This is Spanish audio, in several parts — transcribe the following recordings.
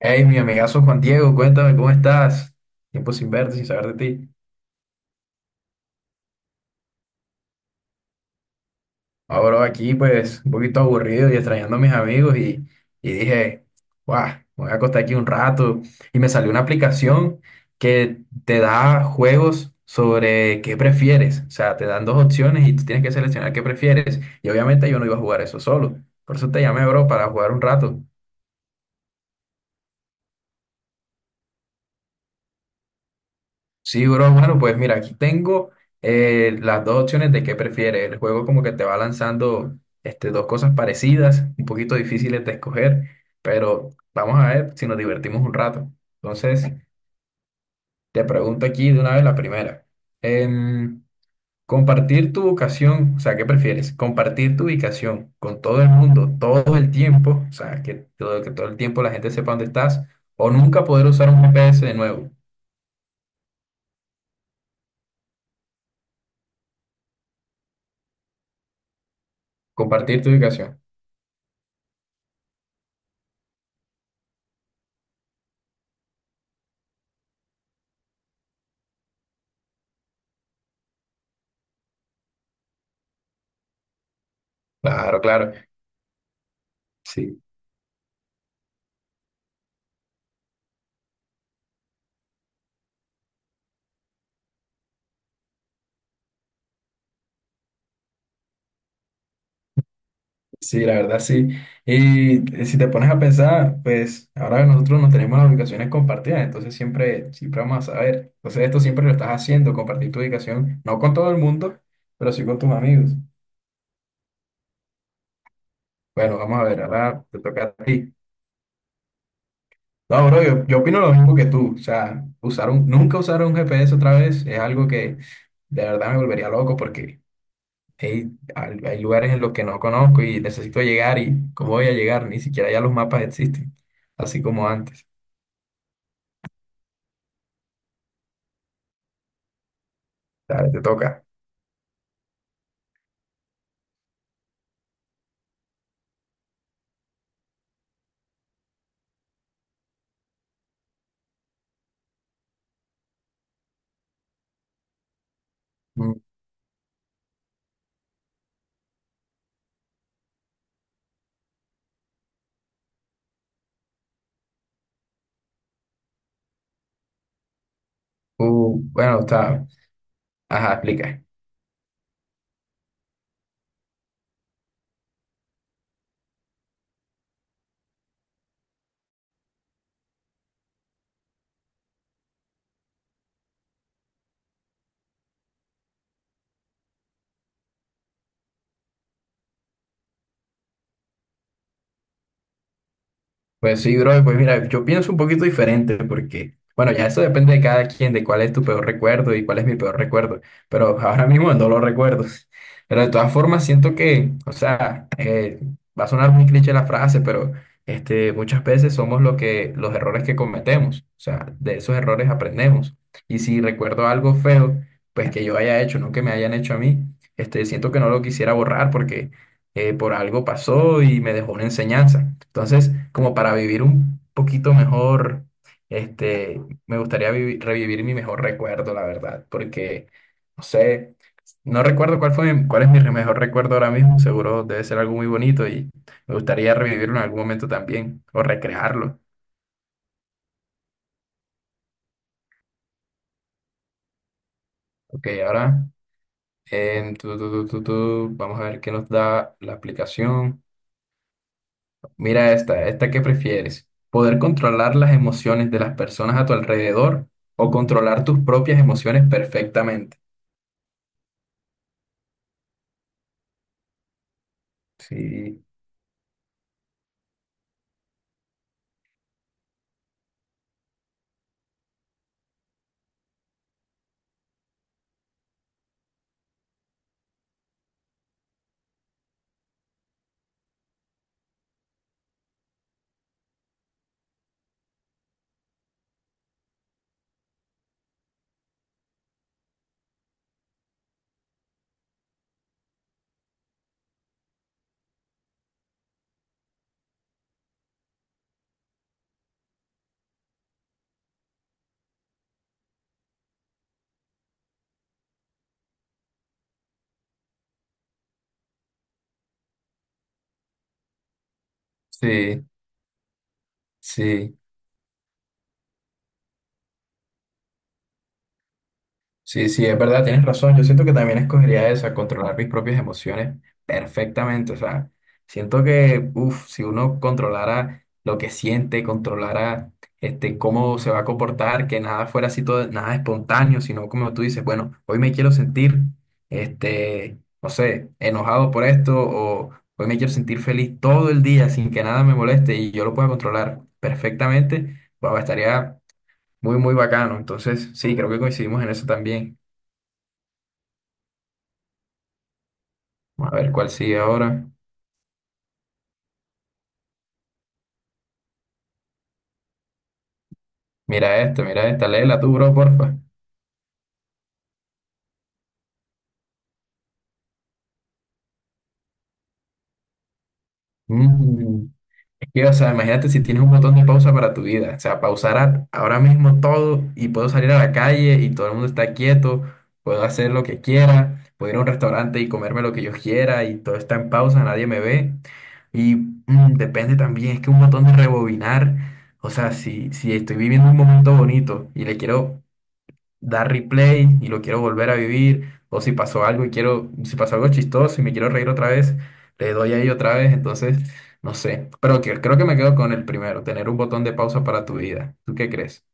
Hey, mi amigazo Juan Diego, cuéntame cómo estás. Tiempo sin verte, sin saber de ti. Ahora aquí, pues, un poquito aburrido y extrañando a mis amigos y dije, guau, me voy a acostar aquí un rato. Y me salió una aplicación que te da juegos sobre qué prefieres. O sea, te dan dos opciones y tú tienes que seleccionar qué prefieres. Y obviamente yo no iba a jugar eso solo. Por eso te llamé, bro, para jugar un rato. Sí, bro, bueno, pues mira, aquí tengo las dos opciones de qué prefieres. El juego como que te va lanzando dos cosas parecidas, un poquito difíciles de escoger, pero vamos a ver si nos divertimos un rato. Entonces, te pregunto aquí de una vez la primera. Em, compartir tu ubicación, o sea, ¿qué prefieres? ¿Compartir tu ubicación con todo el mundo, todo el tiempo? O sea, que todo el tiempo la gente sepa dónde estás, o nunca poder usar un GPS de nuevo. Compartir tu ubicación. Claro, claro. Sí. Sí, la verdad sí. Y si te pones a pensar, pues ahora nosotros no tenemos las ubicaciones compartidas, entonces siempre, siempre vamos a saber. Entonces esto siempre lo estás haciendo, compartir tu ubicación, no con todo el mundo, pero sí con tus amigos. Bueno, vamos a ver, ahora te toca a ti. No, bro, yo opino lo mismo que tú. O sea, nunca usar un GPS otra vez es algo que de verdad me volvería loco porque hey, hay lugares en los que no conozco y necesito llegar, y ¿cómo voy a llegar? Ni siquiera ya los mapas existen, así como antes. Dale, te toca. Mm. Bueno, está. Ajá, explica. Pues sí, bro, pues mira, yo pienso un poquito diferente porque, bueno, ya eso depende de cada quien, de cuál es tu peor recuerdo y cuál es mi peor recuerdo, pero ahora mismo no lo recuerdo. Pero de todas formas siento que, o sea, va a sonar muy cliché la frase, pero muchas veces somos lo que, los errores que cometemos. O sea, de esos errores aprendemos. Y si recuerdo algo feo, pues que yo haya hecho, no que me hayan hecho a mí, siento que no lo quisiera borrar porque por algo pasó y me dejó una enseñanza. Entonces, como para vivir un poquito mejor, este, me gustaría revivir mi mejor recuerdo, la verdad, porque, no sé, no recuerdo cuál fue, cuál es mi mejor recuerdo ahora mismo, seguro debe ser algo muy bonito y me gustaría revivirlo en algún momento también o recrearlo. Ok, ahora, vamos a ver qué nos da la aplicación. Mira esta, esta que prefieres. ¿Poder controlar las emociones de las personas a tu alrededor o controlar tus propias emociones perfectamente? Sí. Sí, sí. Sí, sí, es verdad, tienes razón. Yo siento que también escogería esa, controlar mis propias emociones perfectamente. O sea, siento que, uff, si uno controlara lo que siente, controlara cómo se va a comportar, que nada fuera así todo, nada espontáneo, sino como tú dices, bueno, hoy me quiero sentir, no sé, enojado por esto, o hoy me quiero sentir feliz todo el día sin que nada me moleste y yo lo pueda controlar perfectamente, pues estaría muy, muy bacano. Entonces, sí, creo que coincidimos en eso también. A ver cuál sigue ahora. Mira esta, léela tú, bro, porfa. Mm. Es que, o sea, imagínate si tienes un botón de pausa para tu vida. O sea, pausar ahora mismo todo y puedo salir a la calle y todo el mundo está quieto, puedo hacer lo que quiera, puedo ir a un restaurante y comerme lo que yo quiera y todo está en pausa, nadie me ve. Y mm, depende también, es que un botón de rebobinar, o sea, si estoy viviendo un momento bonito y le quiero dar replay y lo quiero volver a vivir, o si pasó algo y quiero, si pasó algo chistoso y me quiero reír otra vez, le doy ahí otra vez, entonces, no sé, creo que me quedo con el primero, tener un botón de pausa para tu vida. ¿Tú qué crees?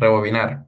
Rebobinar.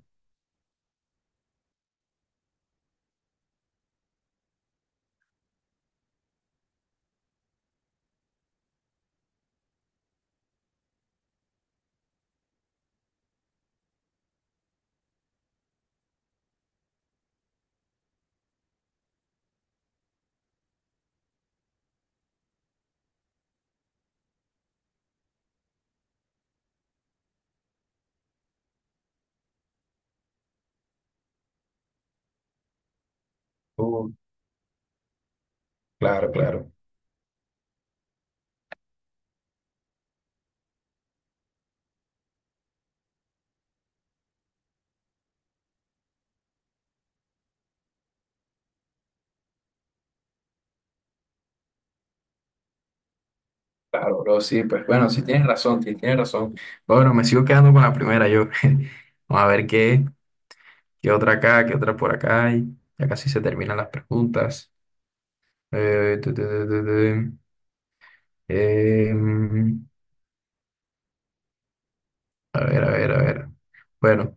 Uh, claro, claro, claro, bro, sí, pues bueno, sí tienes razón, sí tienes razón. Bueno, me sigo quedando con la primera yo. Vamos a ver qué, qué otra acá, qué otra por acá. Y ya casi se terminan las preguntas. Tu, tu, tu, tu, tu. Em, A ver, a ver, a ver. Bueno,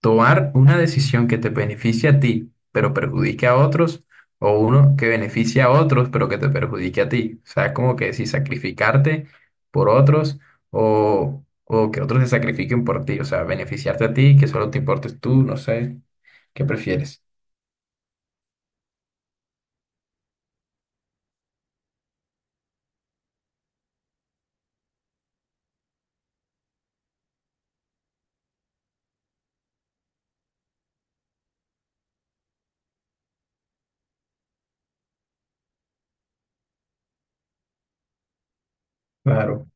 tomar una decisión que te beneficie a ti, pero perjudique a otros, o uno que beneficie a otros, pero que te perjudique a ti. O sea, es como que si sacrificarte por otros o que otros se sacrifiquen por ti. O sea, beneficiarte a ti, que solo te importes tú, no sé. ¿Qué prefieres? Claro.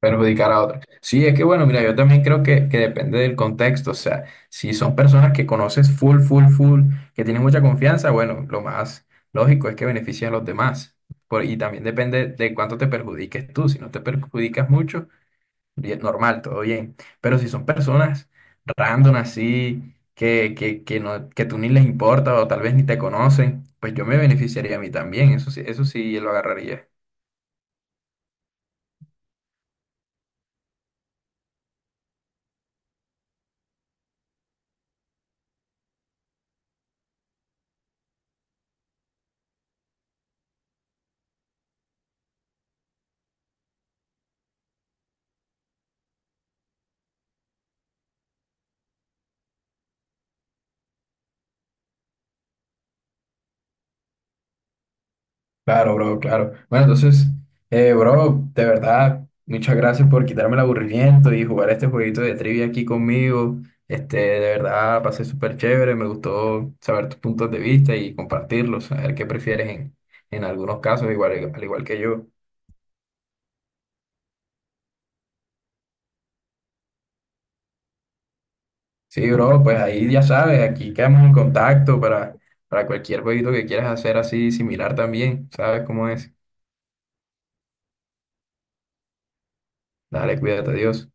Perjudicar a otros. Sí, es que bueno, mira, yo también creo que depende del contexto, o sea, si son personas que conoces full, full, full, que tienen mucha confianza, bueno, lo más lógico es que beneficien a los demás. Y también depende de cuánto te perjudiques tú. Si no te perjudicas mucho, bien, normal, todo bien. Pero si son personas random así, no, que tú ni les importa o tal vez ni te conocen, pues yo me beneficiaría a mí también, eso sí lo agarraría. Claro, bro, claro. Bueno, entonces, bro, de verdad, muchas gracias por quitarme el aburrimiento y jugar este jueguito de trivia aquí conmigo. Este, de verdad, pasé súper chévere, me gustó saber tus puntos de vista y compartirlos, saber qué prefieres en algunos casos, igual, al igual que yo. Sí, bro, pues ahí ya sabes, aquí quedamos en contacto para cualquier jueguito que quieras hacer así similar también, ¿sabes cómo es? Dale, cuídate, Dios.